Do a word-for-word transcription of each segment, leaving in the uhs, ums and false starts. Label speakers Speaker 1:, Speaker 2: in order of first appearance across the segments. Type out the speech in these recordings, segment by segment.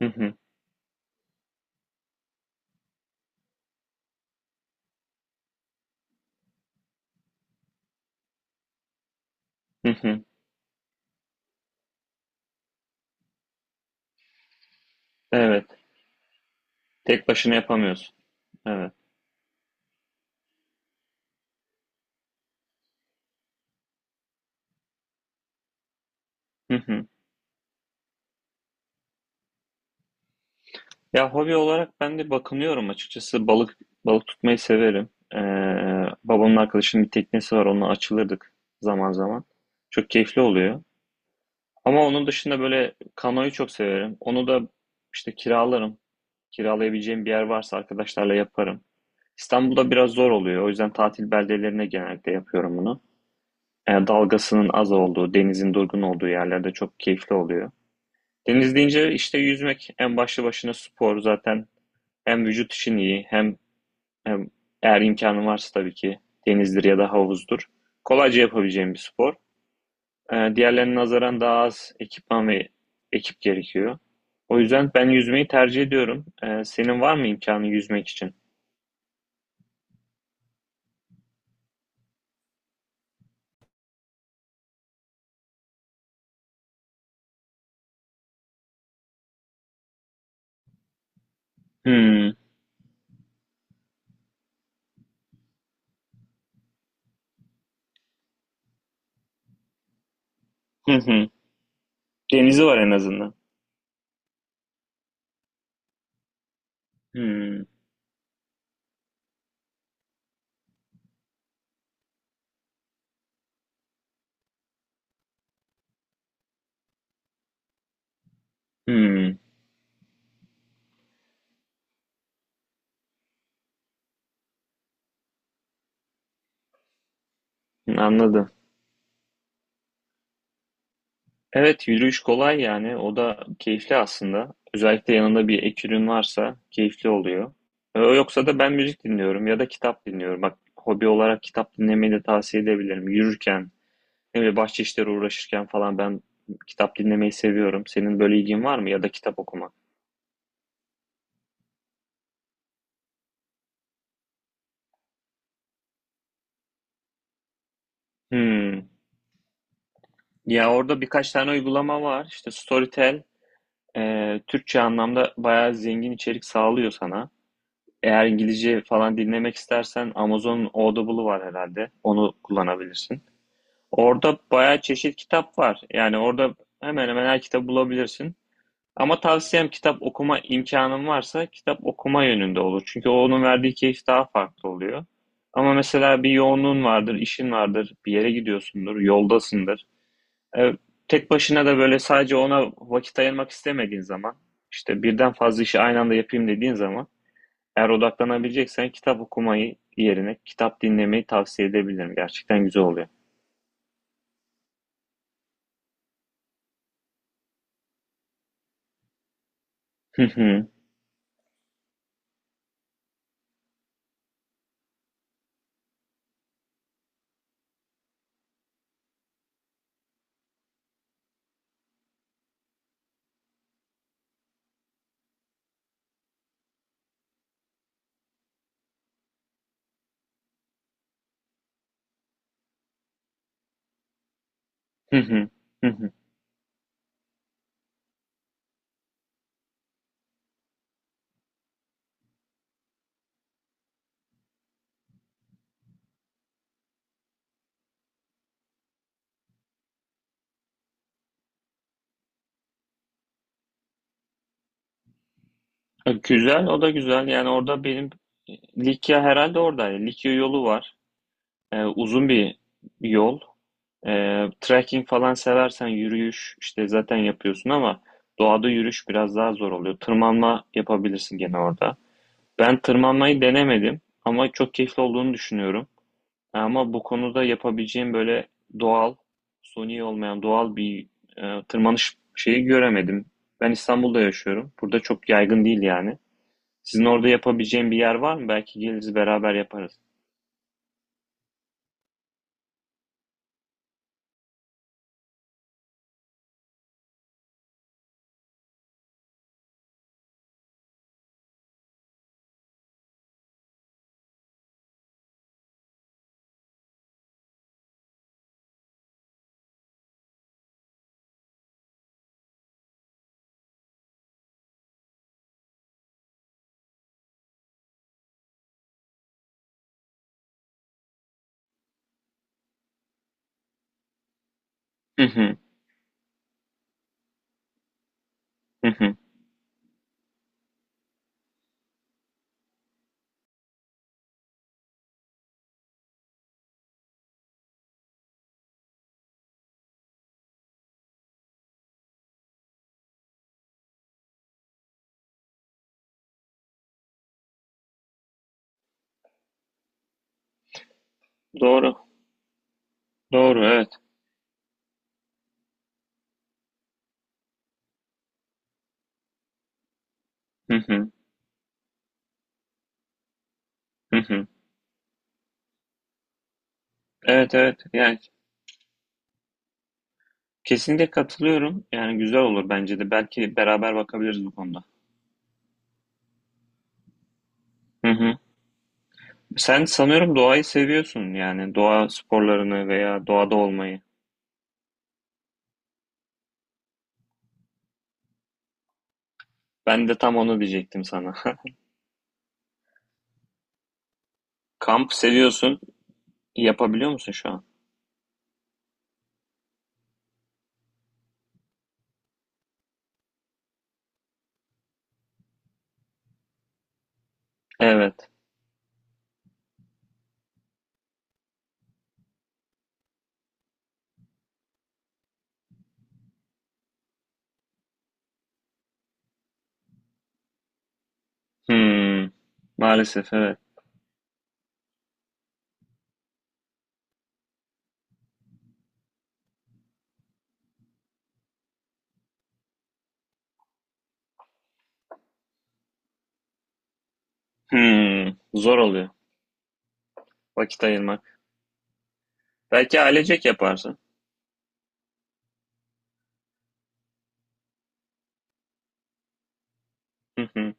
Speaker 1: Hı hı, hı hı. Evet. Tek başına yapamıyorsun. Evet. Hı hı. Ya hobi olarak ben de bakınıyorum açıkçası. Balık balık tutmayı severim. Ee, Babamın arkadaşının bir teknesi var. Onunla açılırdık zaman zaman. Çok keyifli oluyor. Ama onun dışında böyle kanoyu çok severim. Onu da işte kiralarım. Kiralayabileceğim bir yer varsa arkadaşlarla yaparım. İstanbul'da biraz zor oluyor. O yüzden tatil beldelerine genellikle yapıyorum bunu. Ee, dalgasının az olduğu, denizin durgun olduğu yerlerde çok keyifli oluyor. Deniz deyince işte yüzmek en başlı başına spor zaten. Hem vücut için iyi hem, hem eğer imkanın varsa tabii ki denizdir ya da havuzdur. Kolayca yapabileceğim bir spor. Ee, diğerlerine nazaran daha az ekipman ve ekip gerekiyor. O yüzden ben yüzmeyi tercih ediyorum. Ee, senin var mı imkanı yüzmek için? Hmm. Hı hı. Denizi var en azından. Hmm. Hmm. Anladım. Evet, yürüyüş kolay yani. O da keyifli aslında. Özellikle yanında bir ek ürün varsa keyifli oluyor. Ee, Yoksa da ben müzik dinliyorum ya da kitap dinliyorum. Bak hobi olarak kitap dinlemeyi de tavsiye edebilirim. Yürürken, ne bileyim bahçe işleri uğraşırken falan ben kitap dinlemeyi seviyorum. Senin böyle ilgin var mı ya da kitap okumak? Hmm. Ya orada birkaç tane uygulama var. İşte Storytel e, Türkçe anlamda bayağı zengin içerik sağlıyor sana. Eğer İngilizce falan dinlemek istersen Amazon'un Audible'ı var herhalde. Onu kullanabilirsin. Orada bayağı çeşit kitap var. Yani orada hemen hemen her kitabı bulabilirsin. Ama tavsiyem kitap okuma imkanın varsa kitap okuma yönünde olur. Çünkü onun verdiği keyif daha farklı oluyor. Ama mesela bir yoğunluğun vardır, işin vardır, bir yere gidiyorsundur, yoldasındır. E, Tek başına da böyle sadece ona vakit ayırmak istemediğin zaman, işte birden fazla işi aynı anda yapayım dediğin zaman eğer odaklanabileceksen kitap okumayı yerine kitap dinlemeyi tavsiye edebilirim. Gerçekten güzel oluyor. Hı hı. Hı hı. Hı hı. E, Güzel, o da güzel. Yani orada benim Likya herhalde orada. Likya yolu var. E, uzun bir yol. E, Trekking falan seversen yürüyüş işte zaten yapıyorsun ama doğada yürüyüş biraz daha zor oluyor. Tırmanma yapabilirsin gene orada. Ben tırmanmayı denemedim ama çok keyifli olduğunu düşünüyorum. Ama bu konuda yapabileceğim böyle doğal, suni olmayan doğal bir e, tırmanış şeyi göremedim. Ben İstanbul'da yaşıyorum. Burada çok yaygın değil yani. Sizin orada yapabileceğim bir yer var mı? Belki geliriz beraber yaparız. Hı hı, hı hı. Doğru, doğru, evet. Hı hı, hı hı. Evet, evet. Yani kesinlikle katılıyorum. Yani güzel olur bence de. Belki beraber bakabiliriz bu konuda. Hı hı. Sen sanıyorum doğayı seviyorsun yani doğa sporlarını veya doğada olmayı. Ben de tam onu diyecektim sana. Kamp seviyorsun. Yapabiliyor musun şu an? Evet. Hmm. Maalesef evet. Hmm. Zor oluyor. Vakit ayırmak. Belki ailecek yaparsın. Hı hı.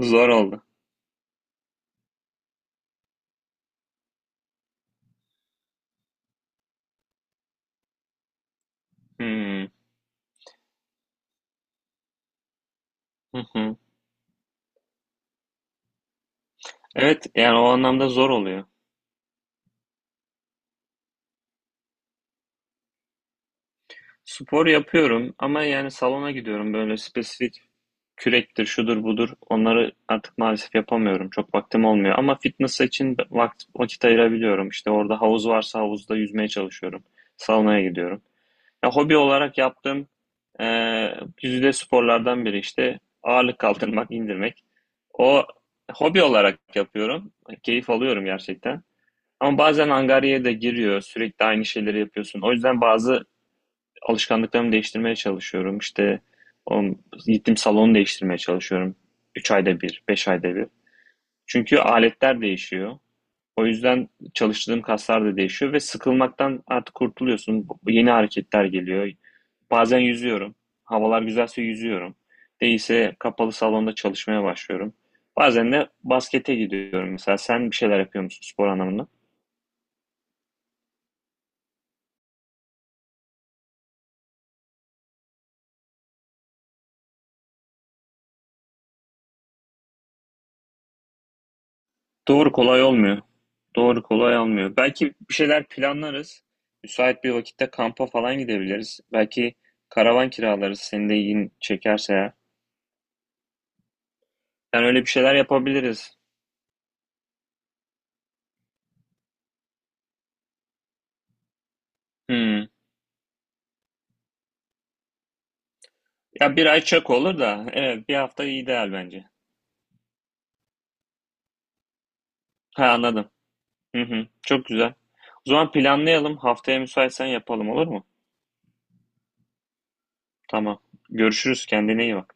Speaker 1: Zor oldu. Hmm. Hı hı. Evet yani o anlamda zor oluyor. Spor yapıyorum ama yani salona gidiyorum böyle spesifik kürektir, şudur budur. Onları artık maalesef yapamıyorum. Çok vaktim olmuyor. Ama fitness için vakt- vakit ayırabiliyorum. İşte orada havuz varsa havuzda yüzmeye çalışıyorum. Saunaya gidiyorum. Ya, hobi olarak yaptığım e, güzide sporlardan biri işte ağırlık kaldırmak, indirmek. O hobi olarak yapıyorum. Keyif alıyorum gerçekten. Ama bazen angaryaya da giriyor. Sürekli aynı şeyleri yapıyorsun. O yüzden bazı alışkanlıklarımı değiştirmeye çalışıyorum. İşte o, gittim salonu değiştirmeye çalışıyorum. Üç ayda bir, beş ayda bir. Çünkü aletler değişiyor. O yüzden çalıştığım kaslar da değişiyor ve sıkılmaktan artık kurtuluyorsun. Yeni hareketler geliyor. Bazen yüzüyorum. Havalar güzelse yüzüyorum. Değilse kapalı salonda çalışmaya başlıyorum. Bazen de baskete gidiyorum mesela. Sen bir şeyler yapıyor musun spor anlamında? Doğru kolay olmuyor. Doğru kolay almıyor. Belki bir şeyler planlarız. Müsait bir vakitte kampa falan gidebiliriz. Belki karavan kiralarız. Senin de ilgini çekerse eğer. Yani öyle bir şeyler yapabiliriz. Hmm. Ya bir ay çok olur da. Evet bir hafta ideal bence. Ha anladım. Hı hı. Çok güzel. O zaman planlayalım. Haftaya müsaitsen yapalım olur mu? Tamam. Görüşürüz. Kendine iyi bak.